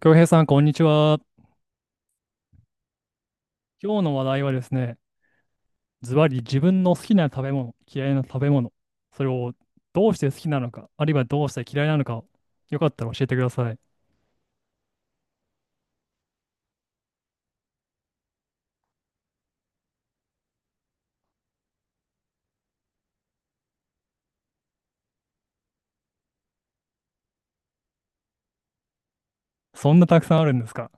京平さん、こんにちは。今日の話題はですね、ズバリ自分の好きな食べ物、嫌いな食べ物、それをどうして好きなのか、あるいはどうして嫌いなのかを、よかったら教えてください。そんなたくさんあるんですか？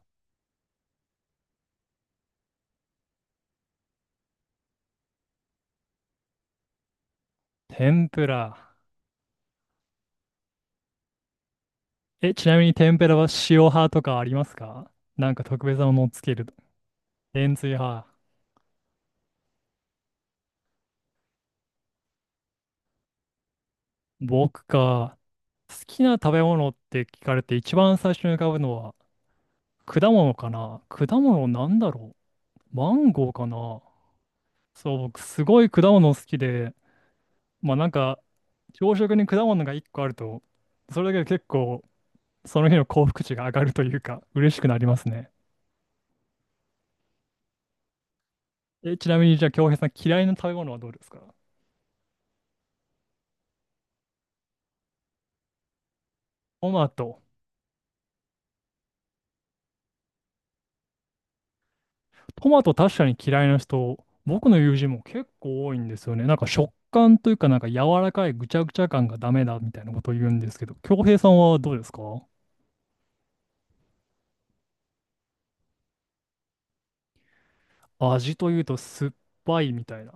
天ぷら。え、ちなみに天ぷらは塩派とかありますか？なんか特別なものをつけると。塩水派。僕か、好きな食べ物って聞かれて一番最初に浮かぶのは果物かな。果物なんだろう。マンゴーかな。そう、僕すごい果物好きで、まあなんか、朝食に果物が1個あると、それだけで結構その日の幸福値が上がるというか、嬉しくなりますね。え、ちなみにじゃあ、京平さん嫌いな食べ物はどうですか？トマト。トマト確かに嫌いな人、僕の友人も結構多いんですよね。なんか食感というか、なんか柔らかいぐちゃぐちゃ感がダメだみたいなことを言うんですけど、京平さんはどうですか？味というと酸っぱいみたいな。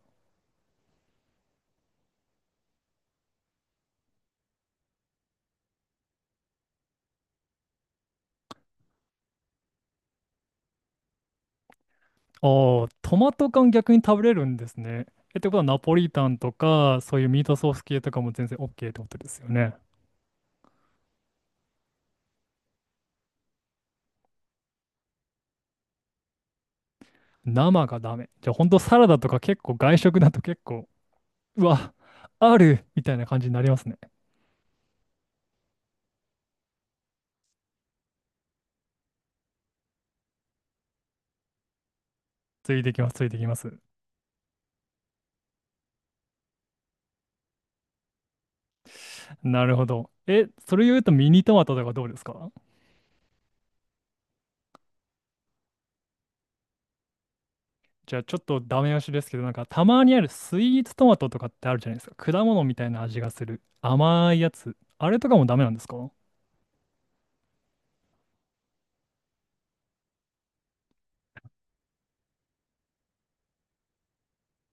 ああ、トマト缶逆に食べれるんですね。え、ってことはナポリタンとか、そういうミートソース系とかも全然 OK ってことですよね。生がダメ。じゃあ本当サラダとか結構外食だと結構、うわ、あるみたいな感じになりますね。ついてきます、ついてきます。なるほど。え、それ言うとミニトマトとかどうですか？じゃあちょっとダメ押しですけど、なんかたまにあるスイーツトマトとかってあるじゃないですか。果物みたいな味がする。甘いやつ。あれとかもダメなんですか？は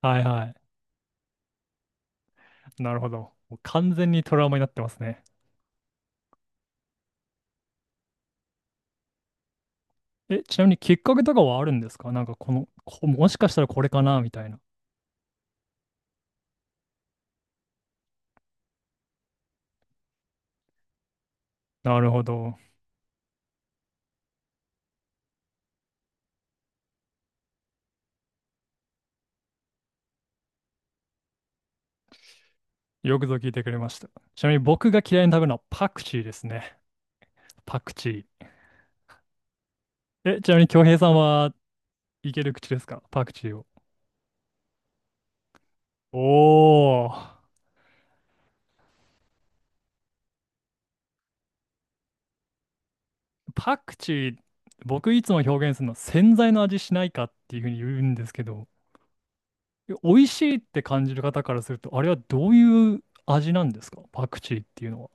いはい。なるほど。もう完全にトラウマになってますね。え、ちなみにきっかけとかはあるんですか？なんかこの、こもしかしたらこれかなみたいな。なるほど。よくぞ聞いてくれました。ちなみに僕が嫌いに食べるのはパクチーですね。パクチー。え、ちなみに京平さんはいける口ですか？パクチーを。おお、パクチー、僕いつも表現するの、洗剤の味しないかっていうふうに言うんですけど、美味しいって感じる方からすると、あれはどういう味なんですか？パクチーっていうのは。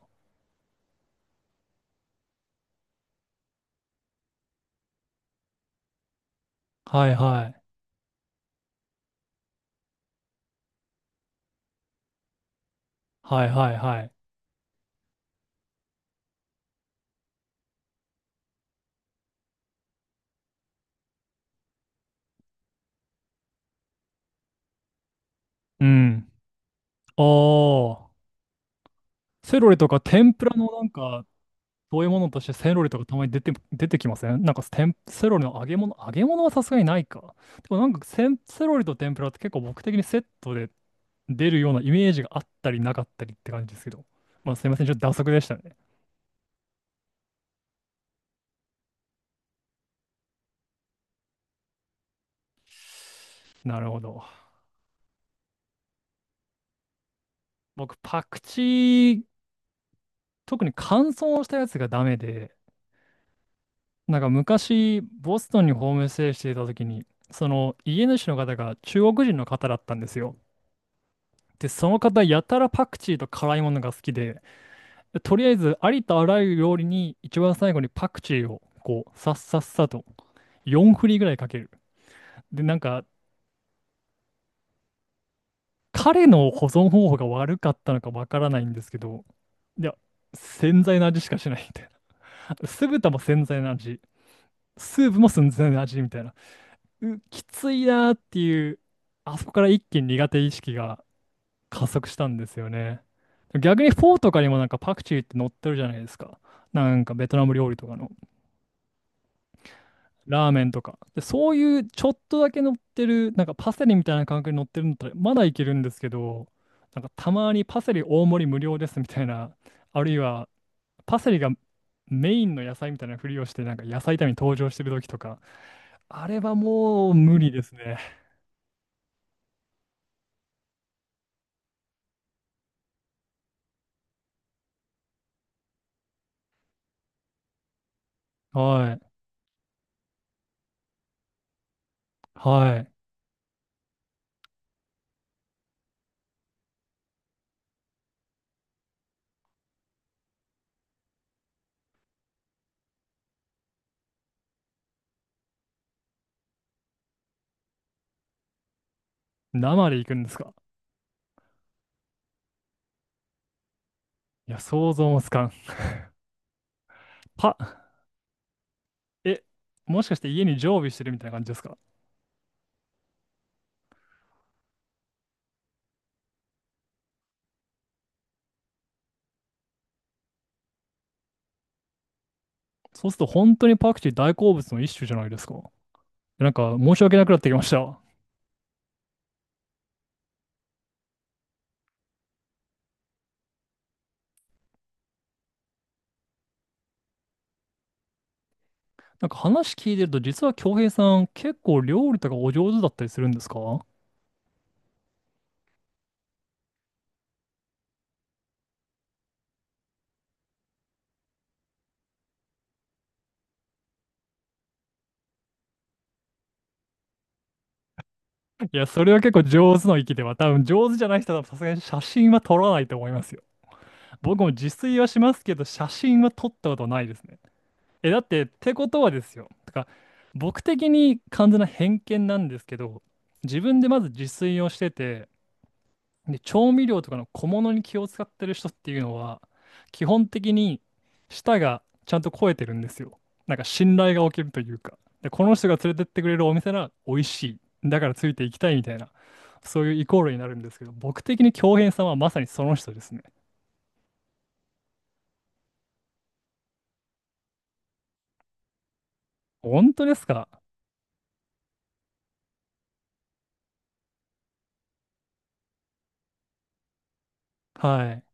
はいはい。はいはいはい。うん。ああ、セロリとか天ぷらのなんか、そういうものとしてセロリとかたまに出て、出てきません？なんか天セロリの揚げ物、揚げ物はさすがにないか。でもなんかセロリと天ぷらって結構僕的にセットで出るようなイメージがあったりなかったりって感じですけど。まあすいません、ちょっと打足でしたね。なるほど。僕、パクチー、特に乾燥したやつがダメで、なんか昔、ボストンにホームステイしていた時に、その家主の方が中国人の方だったんですよ。で、その方、やたらパクチーと辛いものが好きで、でとりあえず、ありとあらゆる料理に一番最後にパクチーを、こう、さっさっさと、4振りぐらいかける。で、なんか、彼の保存方法が悪かったのかわからないんですけど、いや、洗剤の味しかしないみたいな。酢豚も洗剤の味、スープも洗剤の味みたいな。う、きついなーっていう、あそこから一気に苦手意識が加速したんですよね。逆にフォーとかにもなんかパクチーって載ってるじゃないですか。なんかベトナム料理とかの。ラーメンとか。で、そういうちょっとだけ乗ってる、なんかパセリみたいな感覚に乗ってるんだったら、まだいけるんですけど、なんかたまにパセリ大盛り無料ですみたいな、あるいはパセリがメインの野菜みたいなふりをして、なんか野菜炒めに登場してる時とか、あれはもう無理ですね。はい。はい。生で行くんですか？いや、想像もつかん。パ、え、もしかして家に常備してるみたいな感じですか？そうすると本当にパクチー大好物の一種じゃないですか。なんか申し訳なくなってきました。なんか話聞いてると、実は京平さん、結構料理とかお上手だったりするんですか？いや、それは結構上手の域では、多分上手じゃない人はさすがに写真は撮らないと思いますよ。僕も自炊はしますけど、写真は撮ったことないですね。え、だって、ってことはですよ。てか、僕的に完全な偏見なんですけど、自分でまず自炊をしてて、で、調味料とかの小物に気を使ってる人っていうのは、基本的に舌がちゃんと肥えてるんですよ。なんか信頼が起きるというか。で、この人が連れてってくれるお店なら美味しい。だからついていきたいみたいな、そういうイコールになるんですけど、僕的に京平さんはまさにその人ですね。本当ですか？はい。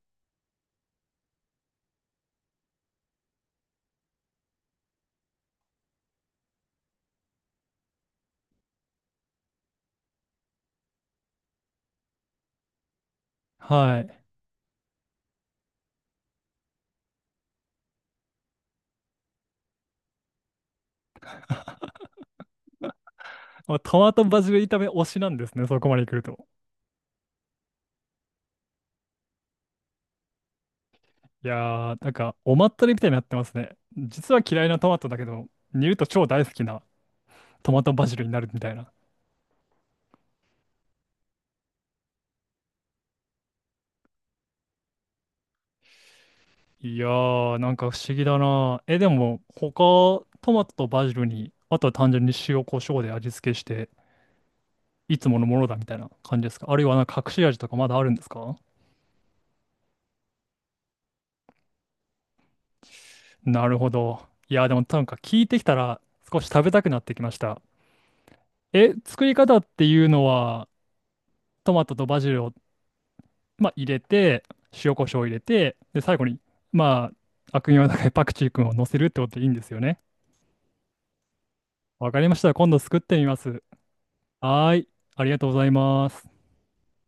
はい。まあトマトバジル炒め推しなんですね、そこまで来ると。いやー、なんかおまったりみたいになってますね。実は嫌いなトマトだけど、煮ると超大好きなトマトバジルになるみたいな。いやー、なんか不思議だな。え、でも、他、トマトとバジルに、あとは単純に塩、コショウで味付けして、いつものものだみたいな感じですか？あるいはなんか隠し味とかまだあるんですか？なるほど。いやー、でもなんか聞いてきたら少し食べたくなってきました。え、作り方っていうのは、トマトとバジルを、まあ、入れて、塩、コショウを入れて、で、最後に、まあ、悪名高いパクチー君を乗せるってことでいいんですよね。わかりました。今度作ってみます。はーい。ありがとうございます。